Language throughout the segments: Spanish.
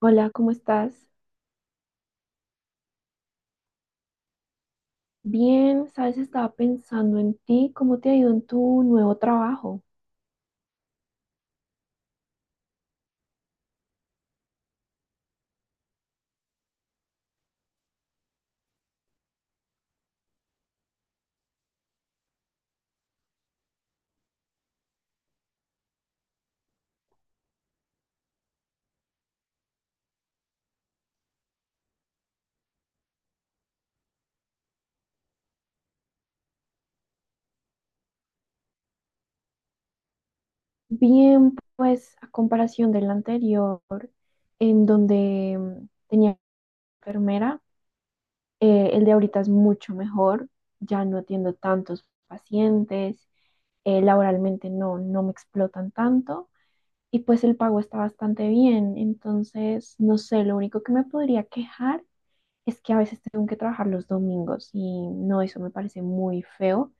Hola, ¿cómo estás? Bien, sabes, estaba pensando en ti, ¿cómo te ha ido en tu nuevo trabajo? Bien, pues a comparación del anterior, en donde tenía enfermera, el de ahorita es mucho mejor, ya no atiendo tantos pacientes, laboralmente no me explotan tanto y pues el pago está bastante bien, entonces, no sé, lo único que me podría quejar es que a veces tengo que trabajar los domingos y no, eso me parece muy feo,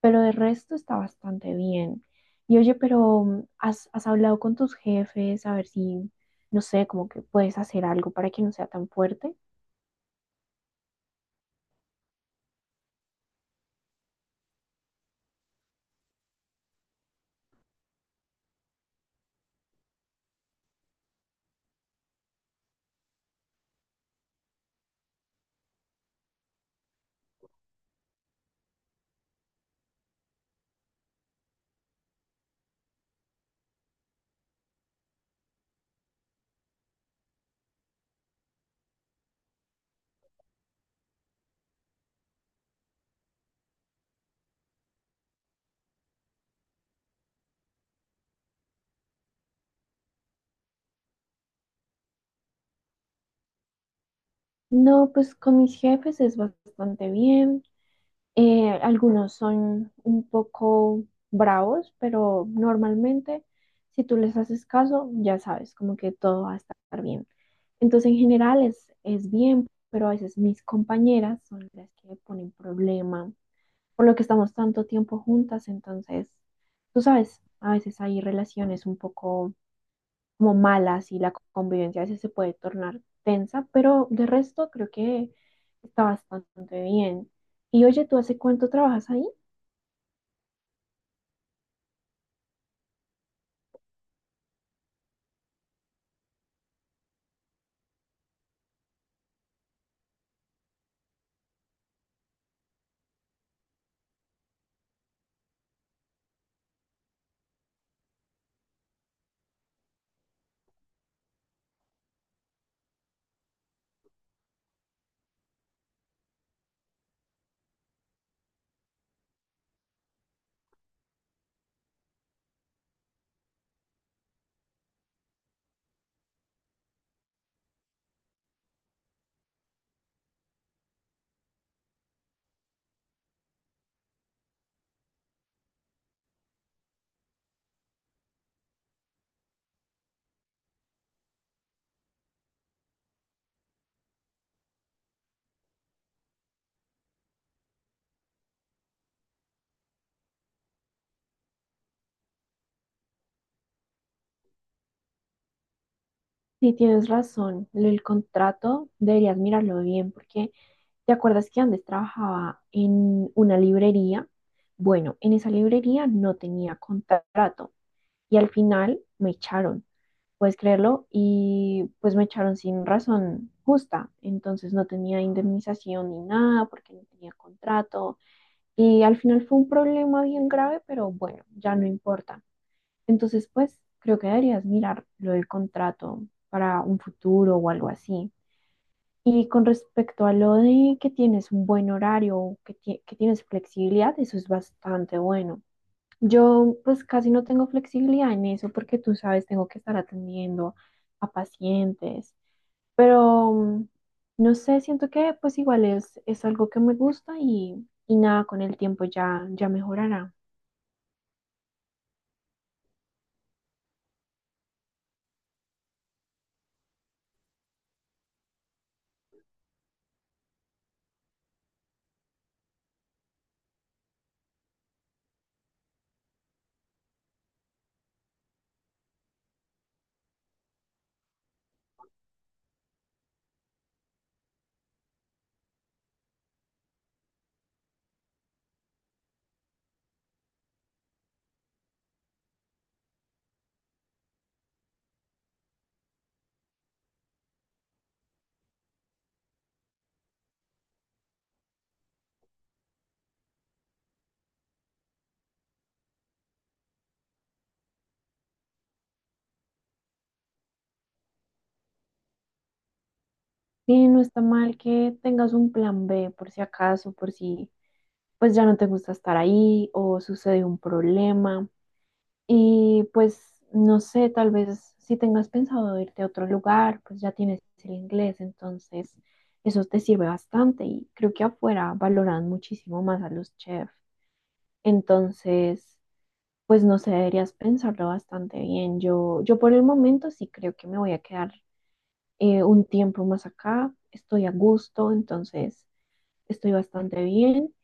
pero de resto está bastante bien. Y oye, pero has hablado con tus jefes a ver si, no sé, como que puedes hacer algo para que no sea tan fuerte? No, pues con mis jefes es bastante bien. Algunos son un poco bravos, pero normalmente si tú les haces caso, ya sabes, como que todo va a estar bien. Entonces, en general es bien, pero a veces mis compañeras son las que me ponen problema, por lo que estamos tanto tiempo juntas, entonces, tú sabes, a veces hay relaciones un poco como malas y la convivencia a veces se puede tornar tensa, pero de resto creo que está bastante bien. Y oye, ¿tú hace cuánto trabajas ahí? Sí, tienes razón, el contrato deberías mirarlo bien porque ¿te acuerdas que antes trabajaba en una librería? Bueno, en esa librería no tenía contrato y al final me echaron, puedes creerlo, y pues me echaron sin razón justa, entonces no tenía indemnización ni nada porque no tenía contrato y al final fue un problema bien grave, pero bueno, ya no importa. Entonces, pues creo que deberías mirar lo del contrato para un futuro o algo así. Y con respecto a lo de que tienes un buen horario, o que tienes flexibilidad, eso es bastante bueno. Yo pues casi no tengo flexibilidad en eso porque tú sabes, tengo que estar atendiendo a pacientes, pero no sé, siento que pues igual es algo que me gusta y nada, con el tiempo ya mejorará. Sí, no está mal que tengas un plan B por si acaso, por si pues ya no te gusta estar ahí o sucede un problema. Y pues, no sé, tal vez si tengas pensado irte a otro lugar, pues ya tienes el inglés, entonces eso te sirve bastante y creo que afuera valoran muchísimo más a los chefs. Entonces, pues no sé, deberías pensarlo bastante bien. Yo por el momento sí creo que me voy a quedar un tiempo más acá, estoy a gusto, entonces estoy bastante bien.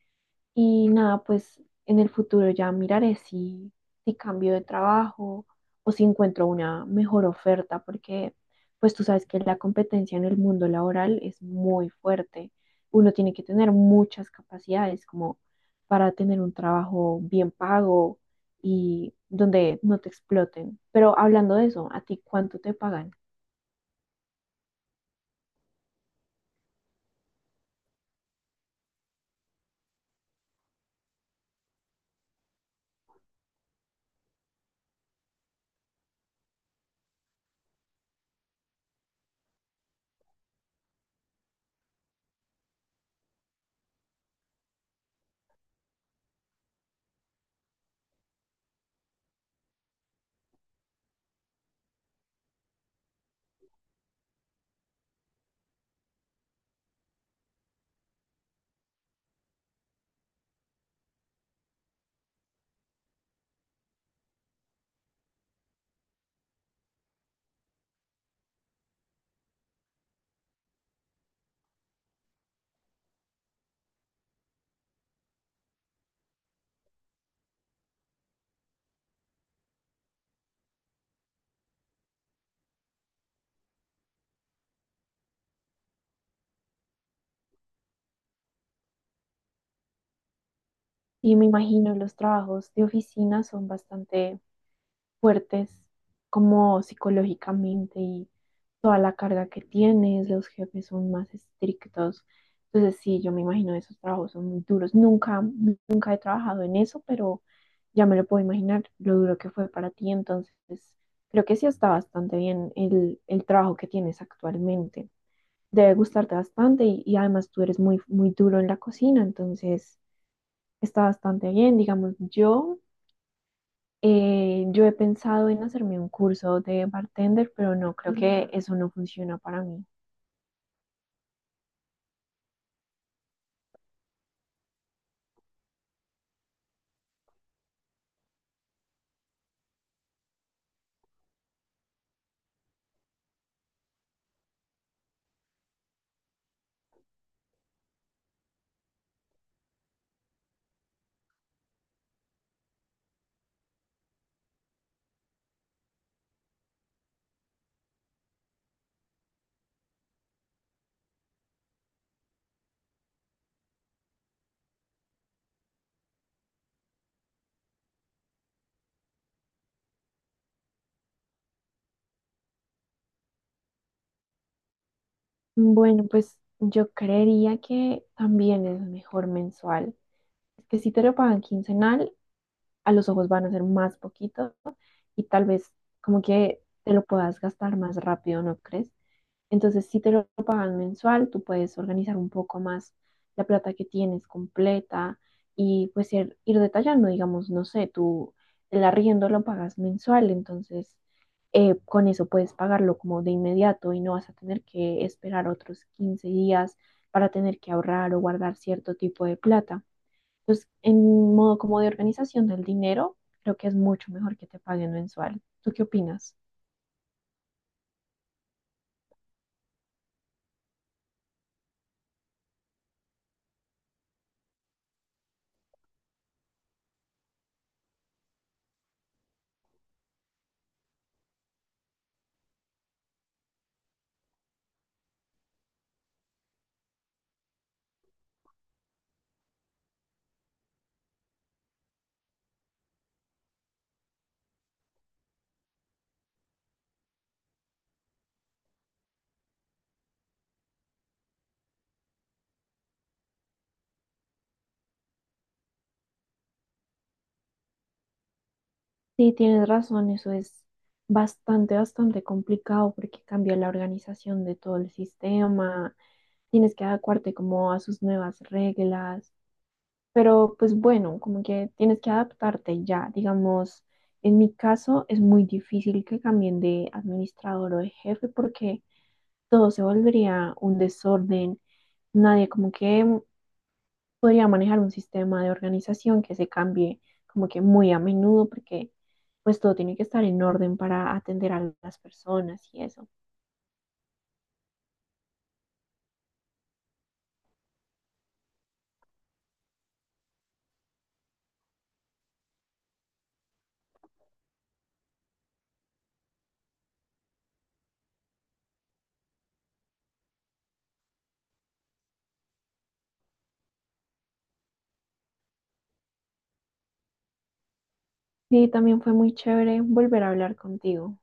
Y nada, pues en el futuro ya miraré si cambio de trabajo o si encuentro una mejor oferta, porque pues tú sabes que la competencia en el mundo laboral es muy fuerte. Uno tiene que tener muchas capacidades como para tener un trabajo bien pago y donde no te exploten. Pero hablando de eso, ¿a ti cuánto te pagan? Y me imagino los trabajos de oficina son bastante fuertes como psicológicamente y toda la carga que tienes, los jefes son más estrictos. Entonces, sí, yo me imagino esos trabajos son muy duros. Nunca, nunca he trabajado en eso, pero ya me lo puedo imaginar lo duro que fue para ti. Entonces, creo que sí está bastante bien el trabajo que tienes actualmente. Debe gustarte bastante y además tú eres muy, muy duro en la cocina, entonces está bastante bien. Digamos, yo he pensado en hacerme un curso de bartender, pero no, creo que eso no funciona para mí. Bueno, pues yo creería que también es mejor mensual. Es que si te lo pagan quincenal, a los ojos van a ser más poquito y tal vez como que te lo puedas gastar más rápido, ¿no crees? Entonces, si te lo pagan mensual, tú puedes organizar un poco más la plata que tienes completa y pues ir detallando, digamos, no sé, tú el arriendo lo pagas mensual, entonces con eso puedes pagarlo como de inmediato y no vas a tener que esperar otros 15 días para tener que ahorrar o guardar cierto tipo de plata. Entonces, en modo como de organización del dinero, creo que es mucho mejor que te paguen mensual. ¿Tú qué opinas? Sí, tienes razón, eso es bastante, bastante complicado porque cambia la organización de todo el sistema, tienes que adecuarte como a sus nuevas reglas, pero pues bueno, como que tienes que adaptarte ya, digamos, en mi caso es muy difícil que cambien de administrador o de jefe porque todo se volvería un desorden, nadie como que podría manejar un sistema de organización que se cambie como que muy a menudo porque pues todo tiene que estar en orden para atender a las personas y eso. Sí, también fue muy chévere volver a hablar contigo.